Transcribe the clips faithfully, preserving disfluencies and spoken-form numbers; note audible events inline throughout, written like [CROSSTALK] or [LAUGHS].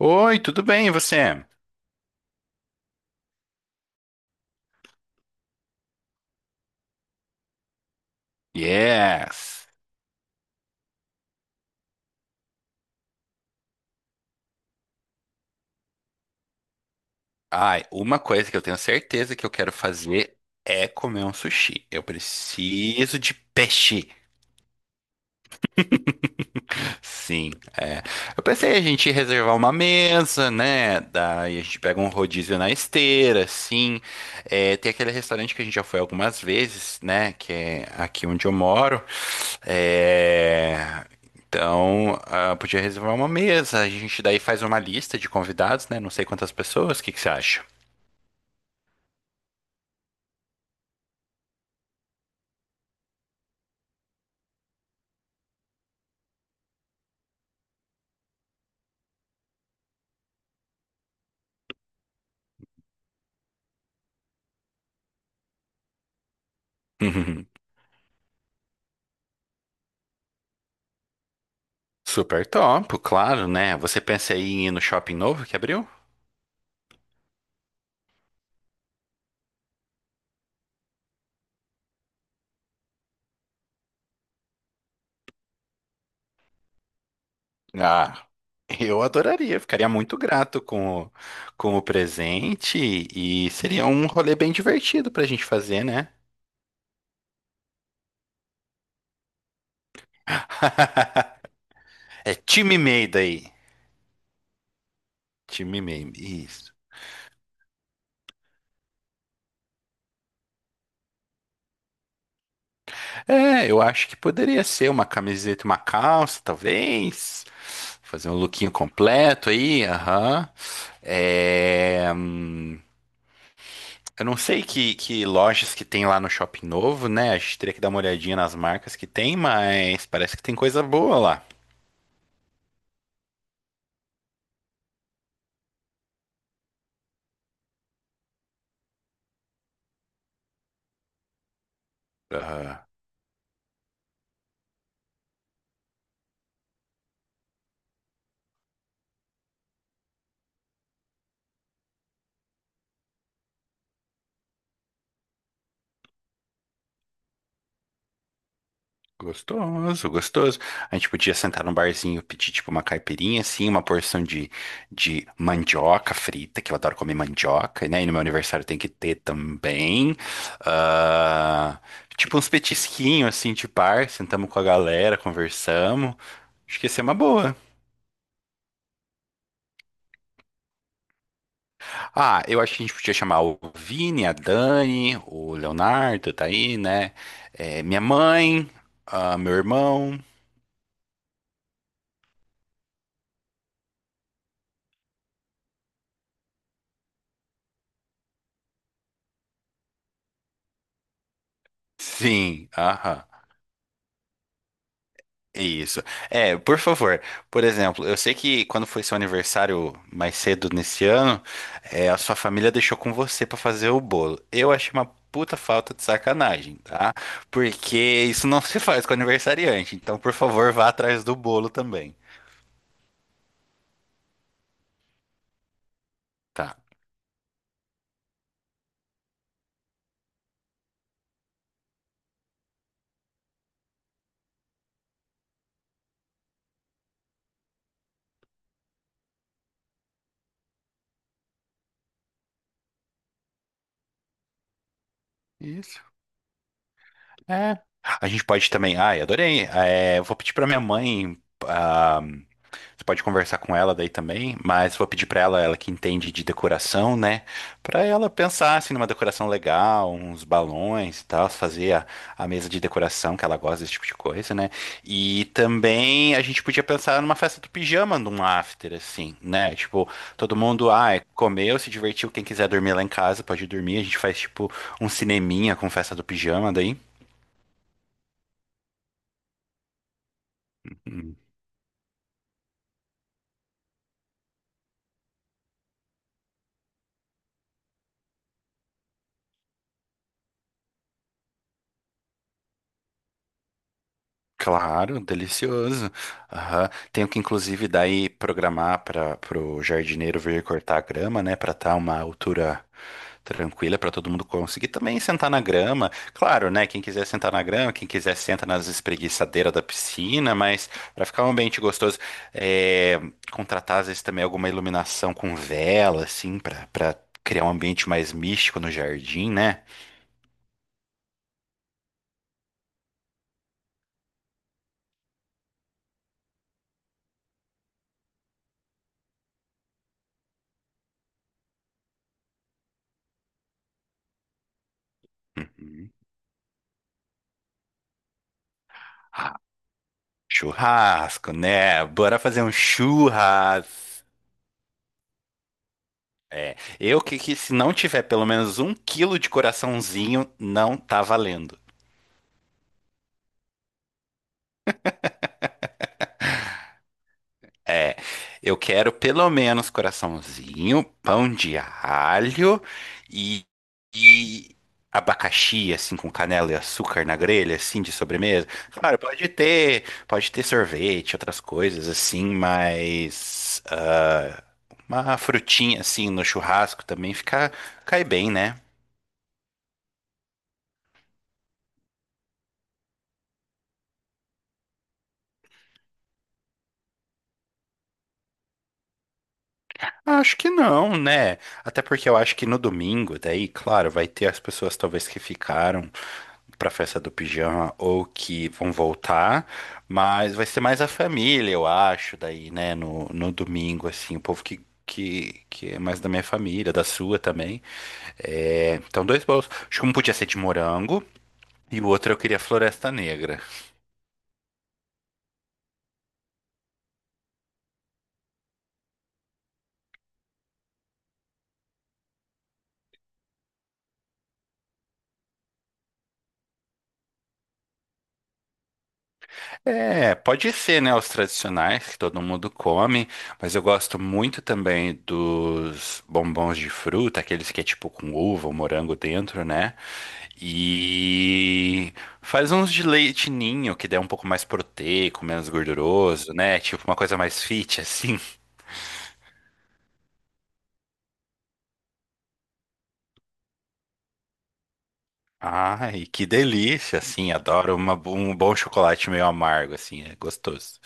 Oi, tudo bem, e você? Yes. Ai, uma coisa que eu tenho certeza que eu quero fazer é comer um sushi. Eu preciso de peixe. Sim, é. Eu pensei a gente reservar uma mesa, né? Daí a gente pega um rodízio na esteira, assim. É, tem aquele restaurante que a gente já foi algumas vezes, né? Que é aqui onde eu moro. É, então, ah, podia reservar uma mesa. A gente daí faz uma lista de convidados, né? Não sei quantas pessoas. O que que você acha? [LAUGHS] Super top, claro, né? Você pensa aí em ir no shopping novo que abriu? Ah, eu adoraria, ficaria muito grato com o, com o presente e seria um rolê bem divertido pra gente fazer, né? [LAUGHS] É time MEI daí. Time MEI, isso. É, eu acho que poderia ser uma camiseta, e uma calça, talvez. Fazer um lookinho completo aí, aham. É, hum, eu não sei que, que lojas que tem lá no Shopping Novo, né? A gente teria que dar uma olhadinha nas marcas que tem, mas parece que tem coisa boa lá. Ah, gostoso, gostoso. A gente podia sentar num barzinho, pedir tipo uma caipirinha, assim, uma porção de, de mandioca frita, que eu adoro comer mandioca, né? E no meu aniversário tem que ter também. Ah, tipo uns petisquinhos, assim, de bar, sentamos com a galera, conversamos. Acho que ia ser uma boa. Ah, eu acho que a gente podia chamar o Vini, a Dani, o Leonardo, tá aí, né? É, minha mãe, ah, meu irmão. Sim, aham. Isso. É, por favor. Por exemplo, eu sei que quando foi seu aniversário mais cedo nesse ano, é, a sua família deixou com você pra fazer o bolo. Eu achei uma puta falta de sacanagem, tá? Porque isso não se faz com aniversariante. Então, por favor, vá atrás do bolo também. Tá. Isso. É. A gente pode também. Ai, adorei. É, eu vou pedir pra minha mãe. Você pode conversar com ela daí também, mas vou pedir pra ela, ela que entende de decoração, né? Pra ela pensar assim numa decoração legal, uns balões e tal, fazer a, a mesa de decoração que ela gosta desse tipo de coisa, né? E também a gente podia pensar numa festa do pijama, num after assim, né? Tipo, todo mundo, ah, comeu, se divertiu, quem quiser dormir lá em casa pode dormir, a gente faz tipo um cineminha com festa do pijama daí. Claro, delicioso. Aham. Tenho que, inclusive, daí programar para o jardineiro vir cortar a grama, né? Para estar uma altura tranquila para todo mundo conseguir também sentar na grama. Claro, né? Quem quiser sentar na grama, quem quiser senta nas espreguiçadeiras da piscina, mas para ficar um ambiente gostoso, é, contratar às vezes também alguma iluminação com vela, assim, para para criar um ambiente mais místico no jardim, né? Uhum. Churrasco, né? Bora fazer um churras. É, eu que, que se não tiver pelo menos um quilo de coraçãozinho, não tá valendo. É, eu quero pelo menos coraçãozinho, pão de alho e, e abacaxi, assim, com canela e açúcar na grelha, assim, de sobremesa. Claro, pode ter, pode ter sorvete, outras coisas, assim, mas ah, uma frutinha, assim, no churrasco também fica, cai bem, né? Acho que não, né? Até porque eu acho que no domingo, daí, claro, vai ter as pessoas talvez que ficaram pra festa do pijama ou que vão voltar, mas vai ser mais a família, eu acho, daí, né? No, no domingo, assim, o povo que, que, que é mais da minha família, da sua também. É, então, dois bolos. Acho que um podia ser de morango e o outro eu queria Floresta Negra. É, pode ser, né, os tradicionais que todo mundo come, mas eu gosto muito também dos bombons de fruta, aqueles que é tipo com uva ou morango dentro, né? E faz uns de leite ninho, que daí é um pouco mais proteico, menos gorduroso, né? Tipo uma coisa mais fit, assim. Ai, que delícia, assim, adoro uma- um bom chocolate meio amargo, assim, é gostoso.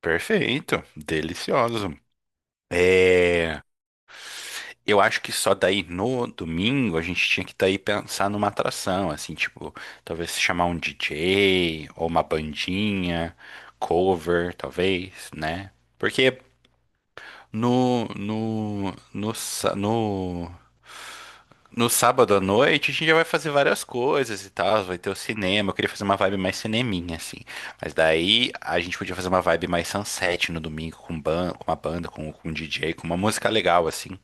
Perfeito, delicioso. É. Eu acho que só daí no domingo a gente tinha que daí pensar numa atração, assim, tipo, talvez chamar um D J ou uma bandinha, cover, talvez, né? Porque no, no, no, sa- no, no sábado à noite a gente já vai fazer várias coisas e tal, vai ter o cinema, eu queria fazer uma vibe mais cineminha, assim. Mas daí a gente podia fazer uma vibe mais sunset no domingo com, ban com uma banda, com, com um D J, com uma música legal, assim.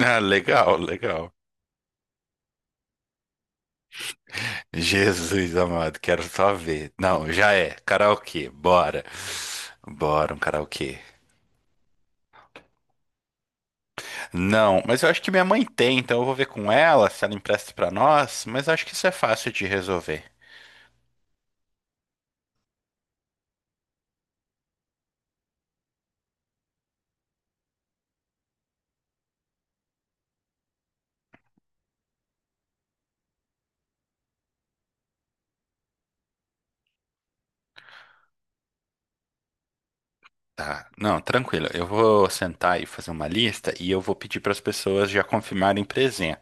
Ah, legal, legal. Jesus amado, quero só ver. Não, já é. Karaokê, bora. Bora, um karaokê. Não, mas eu acho que minha mãe tem, então eu vou ver com ela se ela empresta pra nós, mas eu acho que isso é fácil de resolver. Tá, não, tranquilo. Eu vou sentar e fazer uma lista e eu vou pedir para as pessoas já confirmarem presença.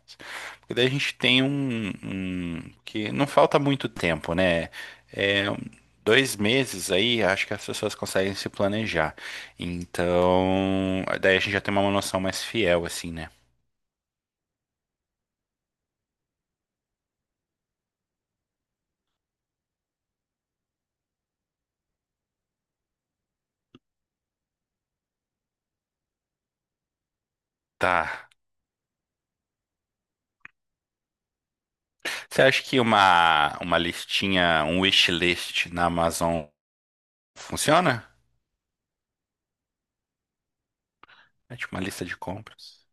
Porque daí a gente tem um, um- que não falta muito tempo, né? É, um- dois meses aí, acho que as pessoas conseguem se planejar. Então, daí a gente já tem uma noção mais fiel, assim, né? Tá. Você acha que uma, uma listinha, um wishlist na Amazon funciona? É tipo uma lista de compras.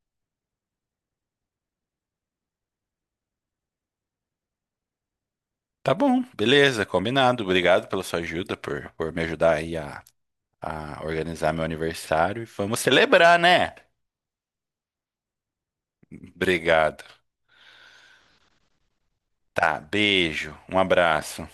Tá bom, beleza, combinado. Obrigado pela sua ajuda, por, por me ajudar aí a, a organizar meu aniversário. E vamos celebrar, né? Obrigado. Tá, beijo, um abraço.